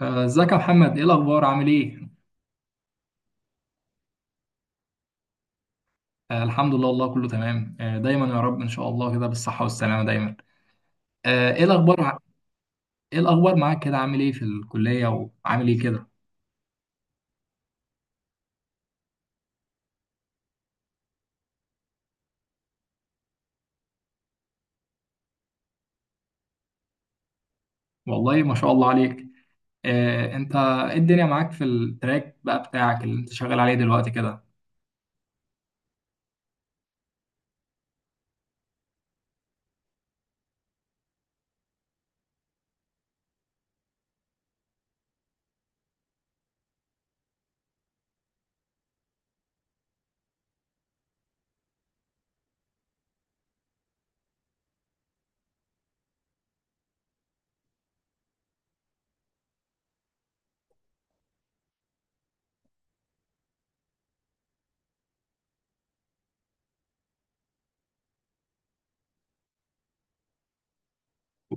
ازيك يا محمد، ايه الاخبار؟ عامل ايه؟ الحمد لله، والله كله تمام. دايما يا رب، ان شاء الله كده بالصحه والسلامه دايما. ايه الاخبار ايه الاخبار معاك كده؟ عامل ايه في الكليه؟ وعامل ايه كده؟ والله ما شاء الله عليك. انت ايه الدنيا معاك في التراك بقى بتاعك اللي انت شغال عليه دلوقتي كده؟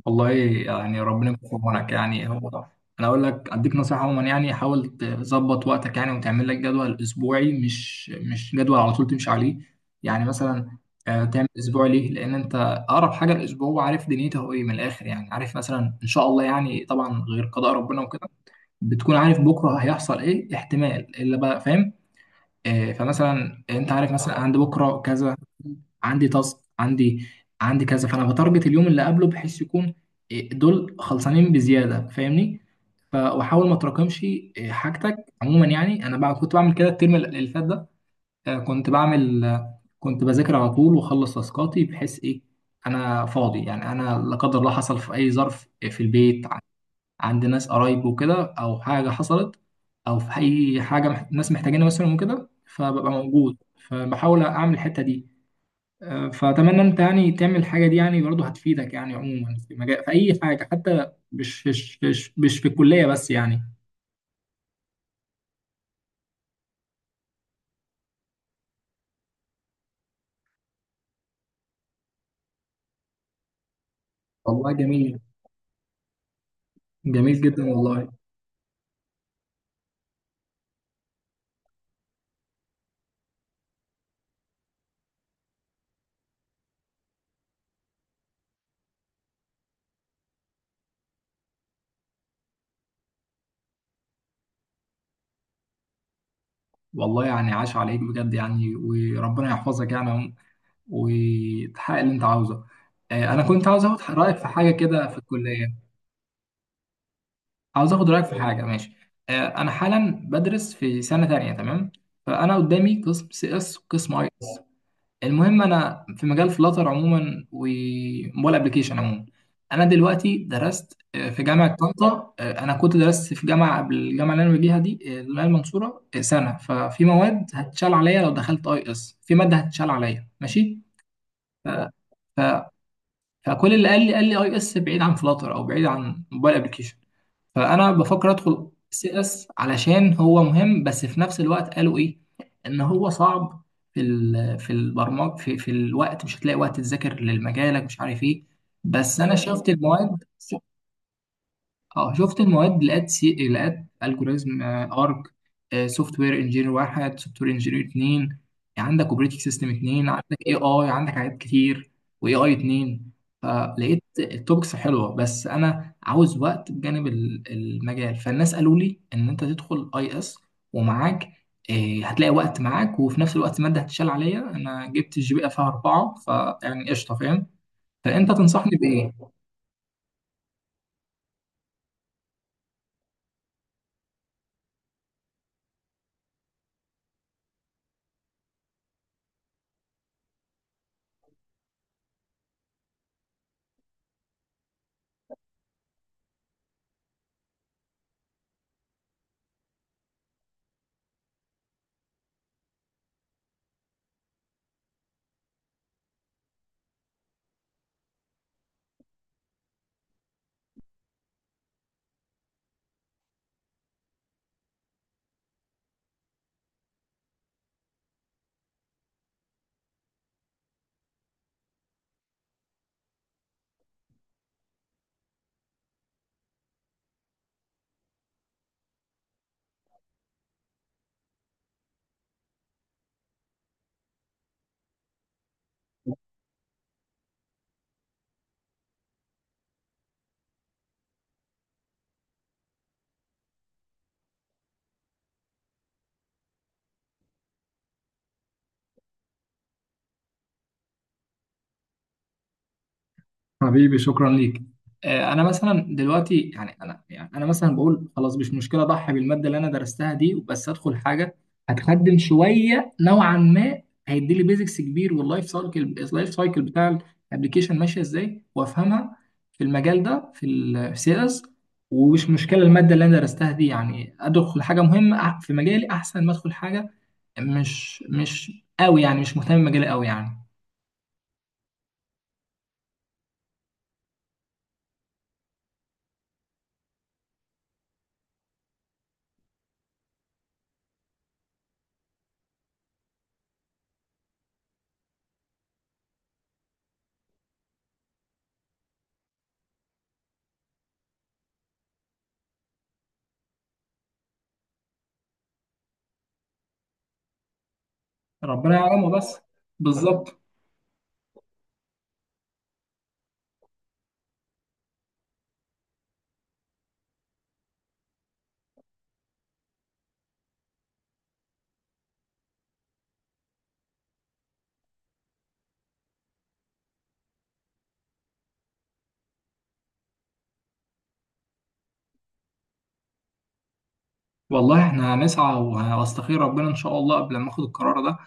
والله يعني ربنا يكون في عونك يعني. هو انا اقول لك اديك نصيحه عموما، يعني حاول تظبط وقتك يعني، وتعمل لك جدول اسبوعي، مش جدول على طول تمشي عليه. يعني مثلا، تعمل اسبوع ليه؟ لان انت اقرب حاجه الاسبوع وعارف دنيته هو ايه من الاخر، يعني عارف مثلا ان شاء الله يعني، طبعا غير قضاء ربنا وكده، بتكون عارف بكره هيحصل ايه احتمال، الا بقى فاهم. فمثلا انت عارف، مثلا عند بكره كذا، عندي تاسك، عندي كذا، فانا بتارجت اليوم اللي قبله بحيث يكون دول خلصانين بزياده، فاهمني. واحاول ما تراكمش حاجتك عموما. يعني انا بقى كنت بعمل كده الترم اللي فات ده. كنت بعمل، كنت بذاكر على طول واخلص تاسكاتي، بحيث ايه انا فاضي. يعني انا لا قدر الله حصل في اي ظرف، في البيت عند ناس قرايب وكده، او حاجه حصلت، او في اي حاجه ناس محتاجينها مثلا وكده، فببقى موجود. فبحاول اعمل الحته دي. فأتمنى أنت يعني تعمل الحاجة دي، يعني برضه هتفيدك يعني عموما، في مجال في أي حاجة حتى، مش في الكلية بس يعني. والله جميل، جميل جدا والله. والله يعني عاش عليك بجد يعني، وربنا يحفظك يعني وتحقق اللي أنت عاوزه. أنا كنت عاوز آخد رأيك في حاجة كده في الكلية. عاوز آخد رأيك في حاجة، ماشي؟ أنا حالا بدرس في سنة تانية، تمام؟ فأنا قدامي قسم سي إس وقسم أي. المهم انا في مجال فلاتر عموما وموبايل ابلكيشن عموما. انا دلوقتي درست في جامعه طنطا. انا كنت درست في جامعه قبل الجامعه اللي انا فيها دي، اللي هي المنصوره، سنه. ففي مواد هتشال عليا لو دخلت اي اس، في ماده هتشال عليا، ماشي؟ ف... ف... فكل اللي قال لي، قال لي اي اس بعيد عن فلاتر او بعيد عن موبايل ابلكيشن. فانا بفكر ادخل سي اس علشان هو مهم، بس في نفس الوقت قالوا ايه، ان هو صعب. في البرمج، في الوقت مش هتلاقي وقت تذاكر لمجالك، مش عارف ايه. بس انا شفت المواد. اه شفت المواد، لقيت سي، لقيت الجوريزم ارك، سوفت وير انجينير 1، سوفت وير انجينير 2، عندك اوبريتنج سيستم 2، عندك اي اي، عندك حاجات كتير، واي اي 2. فلقيت التوبكس حلوه، بس انا عاوز وقت بجانب المجال، فالناس قالوا لي ان انت تدخل اي اس ومعاك، هتلاقي وقت معاك، وفي نفس الوقت الماده هتشال عليا، انا جبت الجي بي إيه فيها 4، فيعني قشطه، فاهم. فانت تنصحني بايه؟ حبيبي، شكرا ليك. انا مثلا دلوقتي يعني انا مثلا بقول خلاص مش مشكله اضحي بالماده اللي انا درستها دي، بس ادخل حاجه هتخدم شويه نوعا ما، هيدي لي بيزكس كبير، واللايف سايكل اللايف سايكل بتاع الابلكيشن ماشيه ازاي وافهمها، في المجال ده، في السيلز. ومش مشكله الماده اللي انا درستها دي، يعني ادخل حاجه مهمه في مجالي، احسن ما ادخل حاجه مش قوي، يعني مش مهتم بمجالي قوي يعني. ربنا يعلمه بس. بالظبط. والله احنا هنسعى واستخير ربنا ان شاء الله قبل ما اخد القرار ده.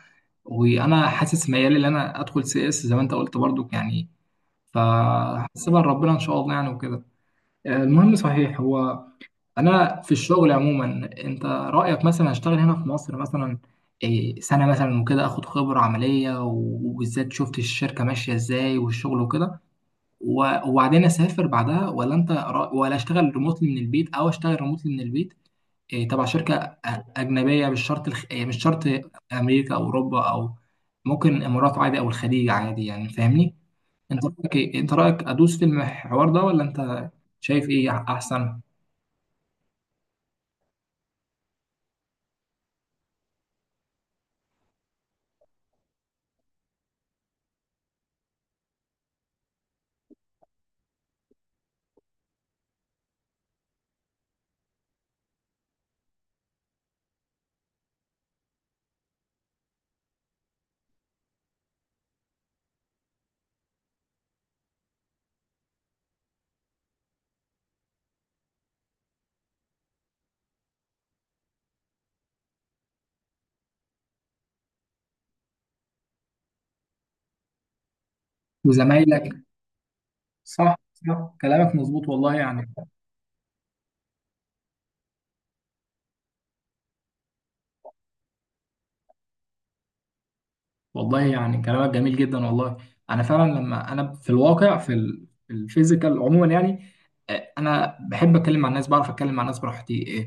وانا حاسس ميالي ان انا ادخل سي اس زي ما انت قلت برضو يعني. فهسيبها لربنا ان شاء الله يعني وكده. المهم، صحيح، هو انا في الشغل عموما، انت رايك مثلا اشتغل هنا في مصر مثلا سنه مثلا وكده، اخد خبره عمليه، وبالذات شفت الشركه ماشيه ازاي والشغل وكده، وبعدين اسافر بعدها، ولا انت ولا اشتغل ريموتلي من البيت، او اشتغل ريموتلي من البيت تبع شركة أجنبية، مش شرط مش شرط أمريكا أو أوروبا أو ممكن الإمارات عادي أو الخليج عادي، يعني فاهمني؟ أنت رأيك إيه؟ أنت رأيك أدوس في الحوار ده، ولا أنت شايف إيه أحسن؟ وزمايلك. صح صح، كلامك مظبوط والله يعني. والله يعني كلامك جميل جدا والله. انا فعلا، لما انا في الواقع، في الفيزيكال عموما يعني، انا بحب اتكلم مع الناس، بعرف اتكلم مع الناس براحتي.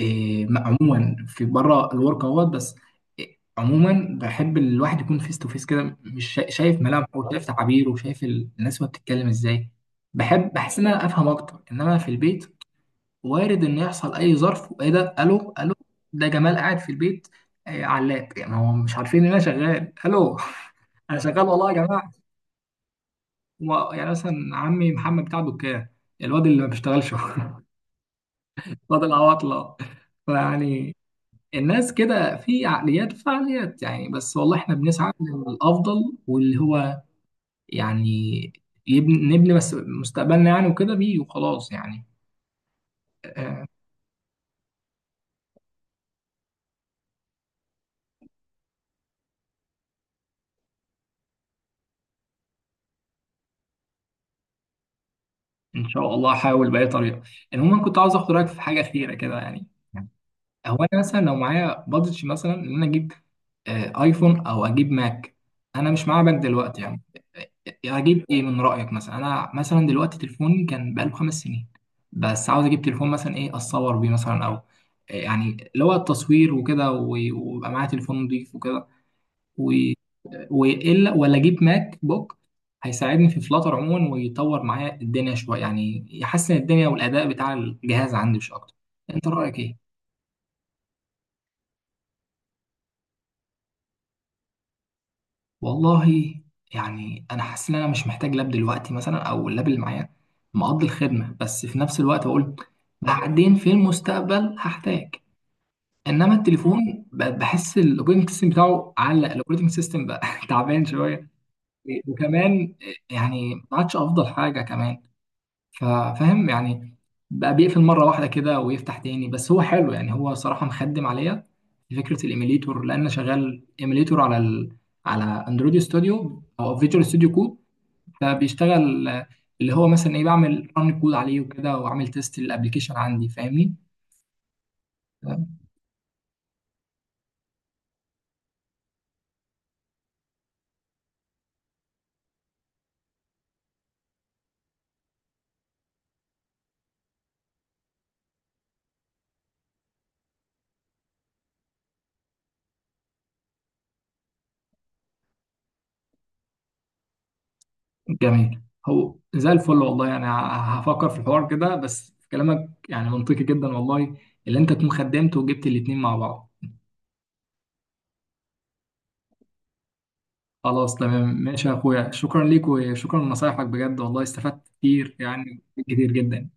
عموما في بره الورك اهوت بس. آه، عموما بحب الواحد يكون فيس تو فيس كده، مش شا- شايف ملامحه وشايف تعابيره وشايف الناس وهي بتتكلم ازاي. بحس ان انا افهم اكتر، انما في البيت وارد ان يحصل اي ظرف، وايه ده، الو الو؟ ده جمال قاعد في البيت. علاب يعني هو مش عارفين ان انا شغال، الو؟ انا شغال والله يا جماعه. يعني مثلا عمي محمد بتاع دكان، الواد اللي ما بيشتغلش. الواد العواطله. فيعني الناس كده في عقليات وفعاليات يعني، بس والله احنا بنسعى للافضل، واللي هو يعني، يبني نبني بس مستقبلنا يعني، وكده بيه وخلاص يعني. آه، ان شاء الله هحاول باي طريقه. المهم كنت عاوز اخد رايك في حاجه اخيره كده يعني. هو انا مثلا لو معايا بادجت مثلا ان انا اجيب ايفون او اجيب ماك. انا مش معايا ماك دلوقتي يعني. آه، اجيب ايه من رايك؟ مثلا انا مثلا دلوقتي تليفوني كان بقاله 5 سنين، بس عاوز اجيب تليفون مثلا، ايه، اتصور بيه مثلا او يعني اللي هو التصوير وكده، ويبقى معايا تليفون نضيف وكده، والا ولا اجيب ماك بوك هيساعدني في فلاتر عموما ويطور معايا الدنيا شويه يعني، يحسن الدنيا والاداء بتاع الجهاز عندي مش اكتر. انت رايك ايه؟ والله يعني انا حاسس ان انا مش محتاج لاب دلوقتي مثلا، او اللاب اللي معايا مقضي الخدمه، بس في نفس الوقت بقول بعدين في المستقبل هحتاج. انما التليفون بحس الاوبريتنج سيستم بتاعه علق، الاوبريتنج سيستم بقى تعبان شويه. وكمان يعني ما عادش افضل حاجه كمان، فاهم يعني. بقى بيقفل مره واحده كده ويفتح تاني، بس هو حلو يعني، هو صراحه مخدم عليا في فكره الايميليتور لان أنا شغال ايميليتور على على اندرويد ستوديو او فيجوال ستوديو كود. فبيشتغل اللي هو مثلا ايه، بعمل ران كود عليه وكده واعمل تيست للابلكيشن عندي، فاهمني. جميل. هو زي الفل والله، انا هفكر في الحوار كده، بس كلامك يعني منطقي جدا والله، اللي انت تكون خدمت وجبت الاتنين مع بعض. خلاص تمام، ماشي يا اخويا، شكرا ليك وشكرا لنصايحك بجد والله، استفدت كتير يعني، كتير جدا.